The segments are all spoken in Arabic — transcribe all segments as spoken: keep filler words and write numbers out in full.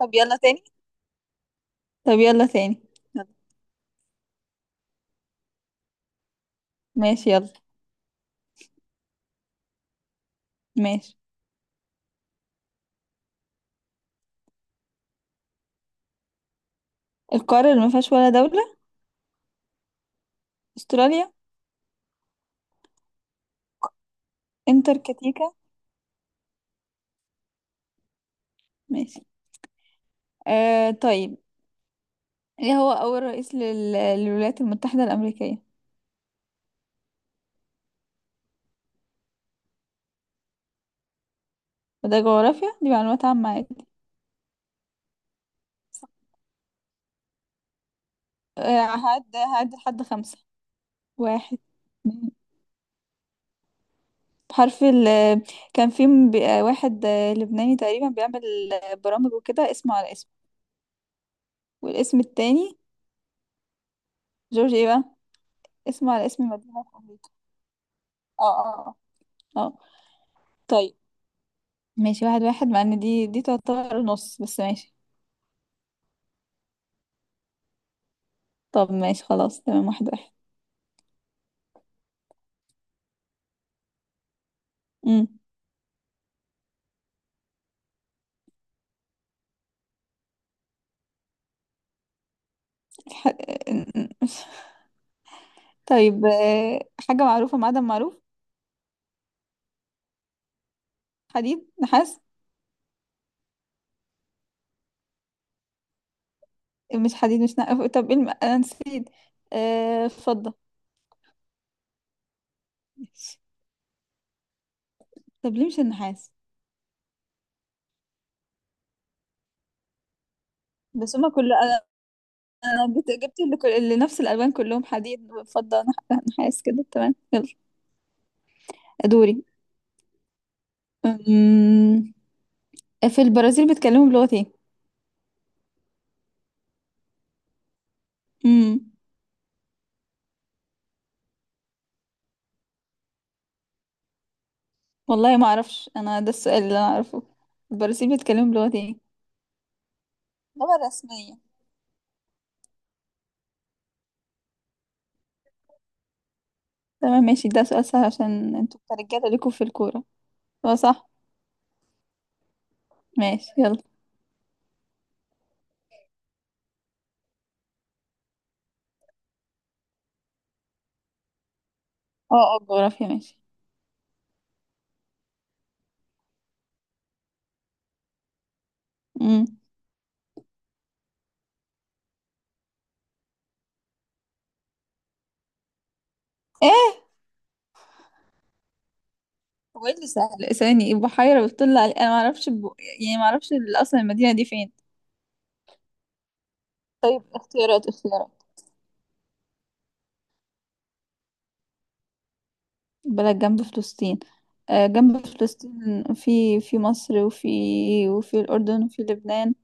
طب يلا تاني طب يلا تاني يلا. ماشي يلا. ماشي. القارة اللي ما فيهاش ولا دولة. استراليا. انتركتيكا. ماشي. آه طيب. ايه هو اول رئيس لل... للولايات المتحدة الأمريكية؟ وده جغرافيا، دي معلومات عامة عادي. آه هعد هعد لحد خمسة. واحد. اتنين. بحرف ال، كان في م- بي- آه، واحد آه، لبناني تقريبا بيعمل آه، برامج وكده، اسمه على اسمه. والاسم التاني جورج ايه بقى؟ اسمه على اسم مدينة في أمريكا. اه اه. اه آه. طيب، ماشي واحد واحد، مع ان دي دي تعتبر نص بس ماشي. طب ماشي خلاص، تمام واحد واحد. امم الح... طيب آه، حاجة معروفة، معدن معروف. حديد، نحاس. مش حديد مش نحاس، طب ايه الم... انا نسيت. آه، فضة. ماشي. طب ليه مش النحاس؟ بس هما كل انا، أنا جبت جبت اللي كل... اللي نفس الالوان كلهم، حديد فضة نح... نحاس كده، تمام يلا. دوري. أمم، في البرازيل بيتكلموا بلغة ايه؟ امم والله ما اعرفش انا، ده السؤال اللي انا اعرفه. البرازيل بيتكلموا بلغة ايه؟ اللغة الرسمية. تمام ماشي، ده سؤال سهل عشان انتوا كرجالة ليكوا في الكورة. اه صح. ماشي يلا. اه اه، جغرافيا ماشي. امم ايه هو؟ ايه اللي سهل؟ لا، ثواني. بحيرة بتطل علي، انا ما اعرفش ب... يعني ما اعرفش ال- اصلا المدينة دي فين. طيب، اختيارات اختيارات. بلد جنب فلسطين؟ آه جنب فلسطين، في في مصر وفي، وفي الأردن وفي لبنان.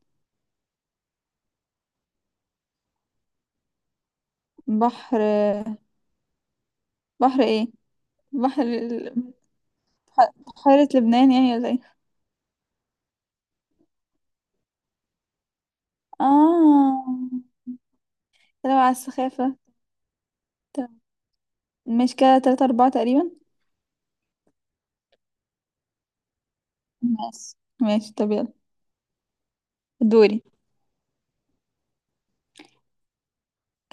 بحر. بحر ايه؟ بحر ح- حارة لبنان يعني ولا ايه؟ اه، لو على السخافة. طب ماشي كده، تلاتة أربعة تقريبا. ماشي. ماشي طب يلا. دوري.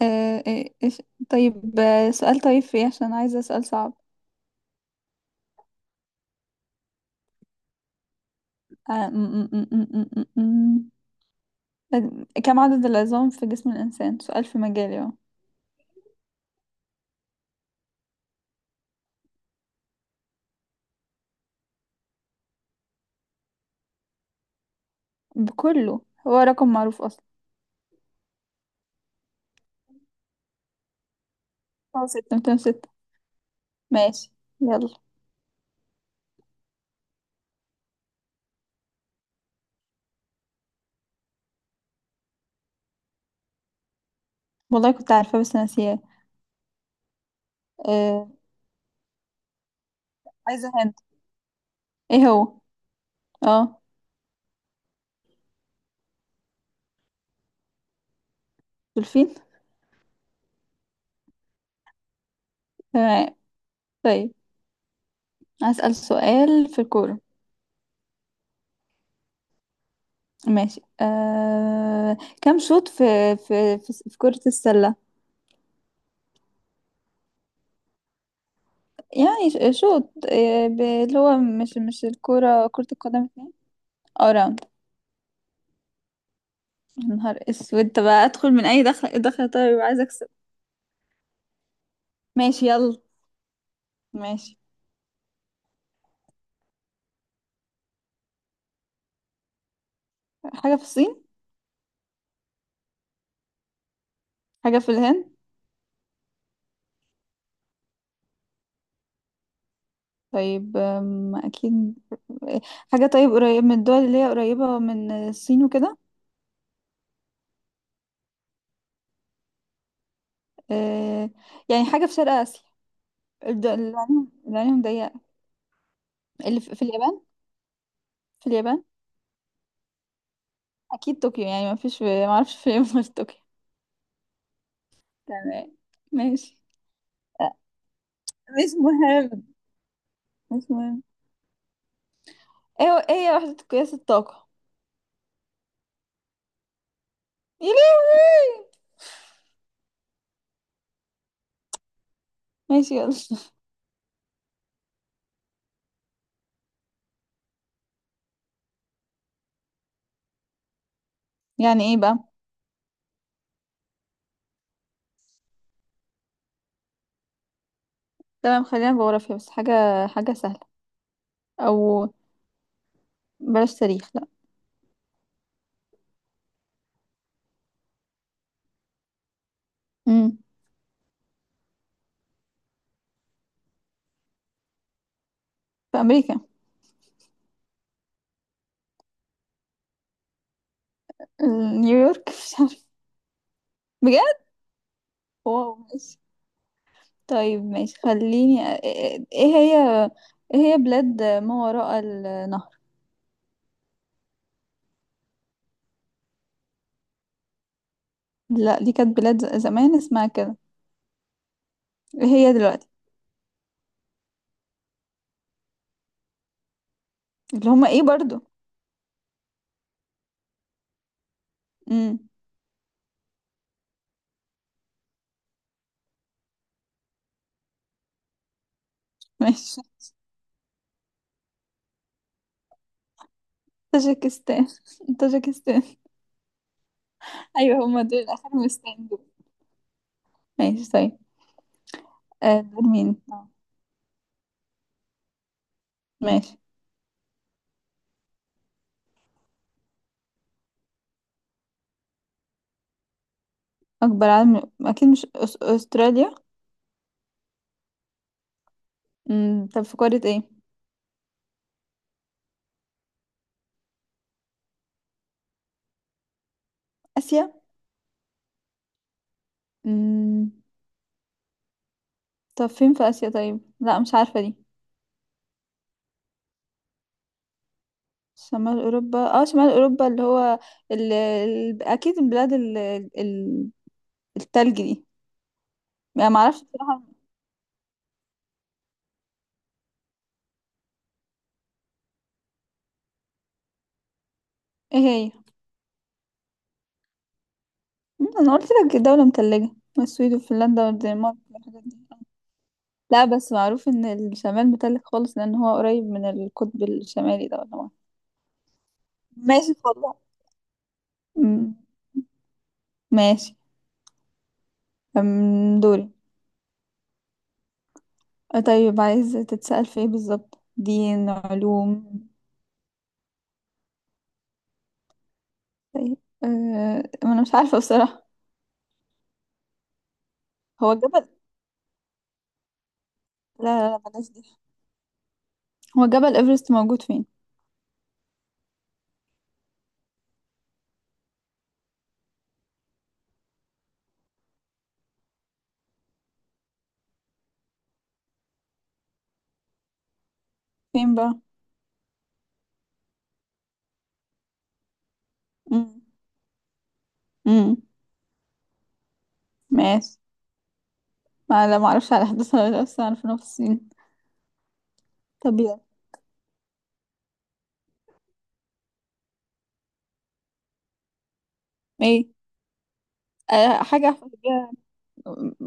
آه آه، إيش. طيب آه، سؤال، طيب فيه عشان عايزة سؤال صعب. آه م- م- م- م- م- م- م. كم عدد العظام في جسم الإنسان؟ سؤال في مجالي اهو. بكله. هو رقم معروف أصلا. اه، ستة، ميتين وستة. ماشي يلا. والله كنت عارفة بس ناسياه. آه. عايزة هند. ايه هو؟ اه، دولفين. تمام. طيب أسأل سؤال في الكورة. ماشي. آه... كم شوط في، في في, في كرة السلة؟ يعني ش- شوط، آه، ب- اللي هو مش مش الكورة، كرة القدم اتنين. اه، راوند. يا نهار اسود، طب ادخل من اي، دخل دخل، طيب يبقى عايز اكسب. ماشي يلا. ماشي. حاجة في الصين. حاجة في الهند. طيب آم، اكيد حاجة، طيب قريب من الدول اللي هي قريبة من الصين وكده. آه، يعني حاجة في شرق آسيا. الد- اللي عليهم، اللي عليهم ضيقة. اللي في، في اليابان. في اليابان، اكيد طوكيو، يعني ما فيش، ما اعرفش فين غير طوكيو. تمام. ماشي. آه، مش مهم. مش مهم. ايه هو- ايه هي وحدة قياس الطاقة؟ يا لهوي. ماشي يلا. يعني ايه بقى؟ تمام، خلينا جغرافيا بس. حاجة، حاجة سهلة. او، بلاش تاريخ لا. امم في امريكا. ال- نيويورك. مش عارفة بجد. واو ماشي. طيب ماشي خليني أ- ايه هي، ايه هي بلاد ما وراء النهر. لا دي كانت بلاد ز- زمان اسمها كده. إيه هي دلوقتي؟ اللي هما ايه برضو؟ امم ماشي. طاجيكستان. طاجيكستان. ايوه هما دول، افغانستان دول. ماشي طيب. آه دول مين آه. ماشي. اكبر عالم، اكيد مش أس... استراليا. امم طب في قارة ايه؟ اسيا. امم طب فين في اسيا؟ طيب لا، مش عارفة دي. شمال اوروبا؟ اه شمال اوروبا، اللي هو ال... ال... اكيد البلاد ال... ال... التلج دي. يعني معرفش بصراحة. ايه هي؟ مم، انا قلت لك دولة متلجة، السويد وفنلندا والدنمارك والحاجات دي. لا، بس معروف ان الشمال متلج خالص لان هو قريب من القطب الشمالي ده ولا ما- ماشي خلاص. أمم، ماشي. أم، دوري. أه، طيب عايز تتسأل في ايه بالظبط، دين، علوم؟ طيب. أه... ما انا مش عارفة بصراحة. هو جبل، لا لا لا بلاش دي. هو جبل ايفرست موجود فين؟ فين بقى؟ امم امم ماشي. ما لا، ما اعرفش على حدث ولا لا، بس اعرف انه في الصين. طب يلا. ايه. أه... حاجة أحفظ بيها،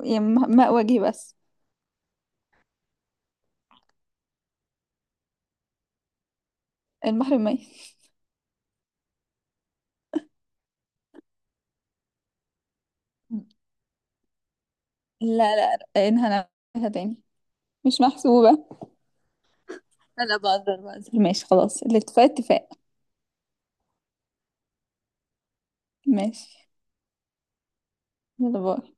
يعني م- ماء وجهي بس. البحر الميت. لا لا، رقانها نعملها تاني، مش محسوبة. انا بقدر، بقدر، ماشي خلاص، الاتفاق اتفاق. ماشي يلا. باي.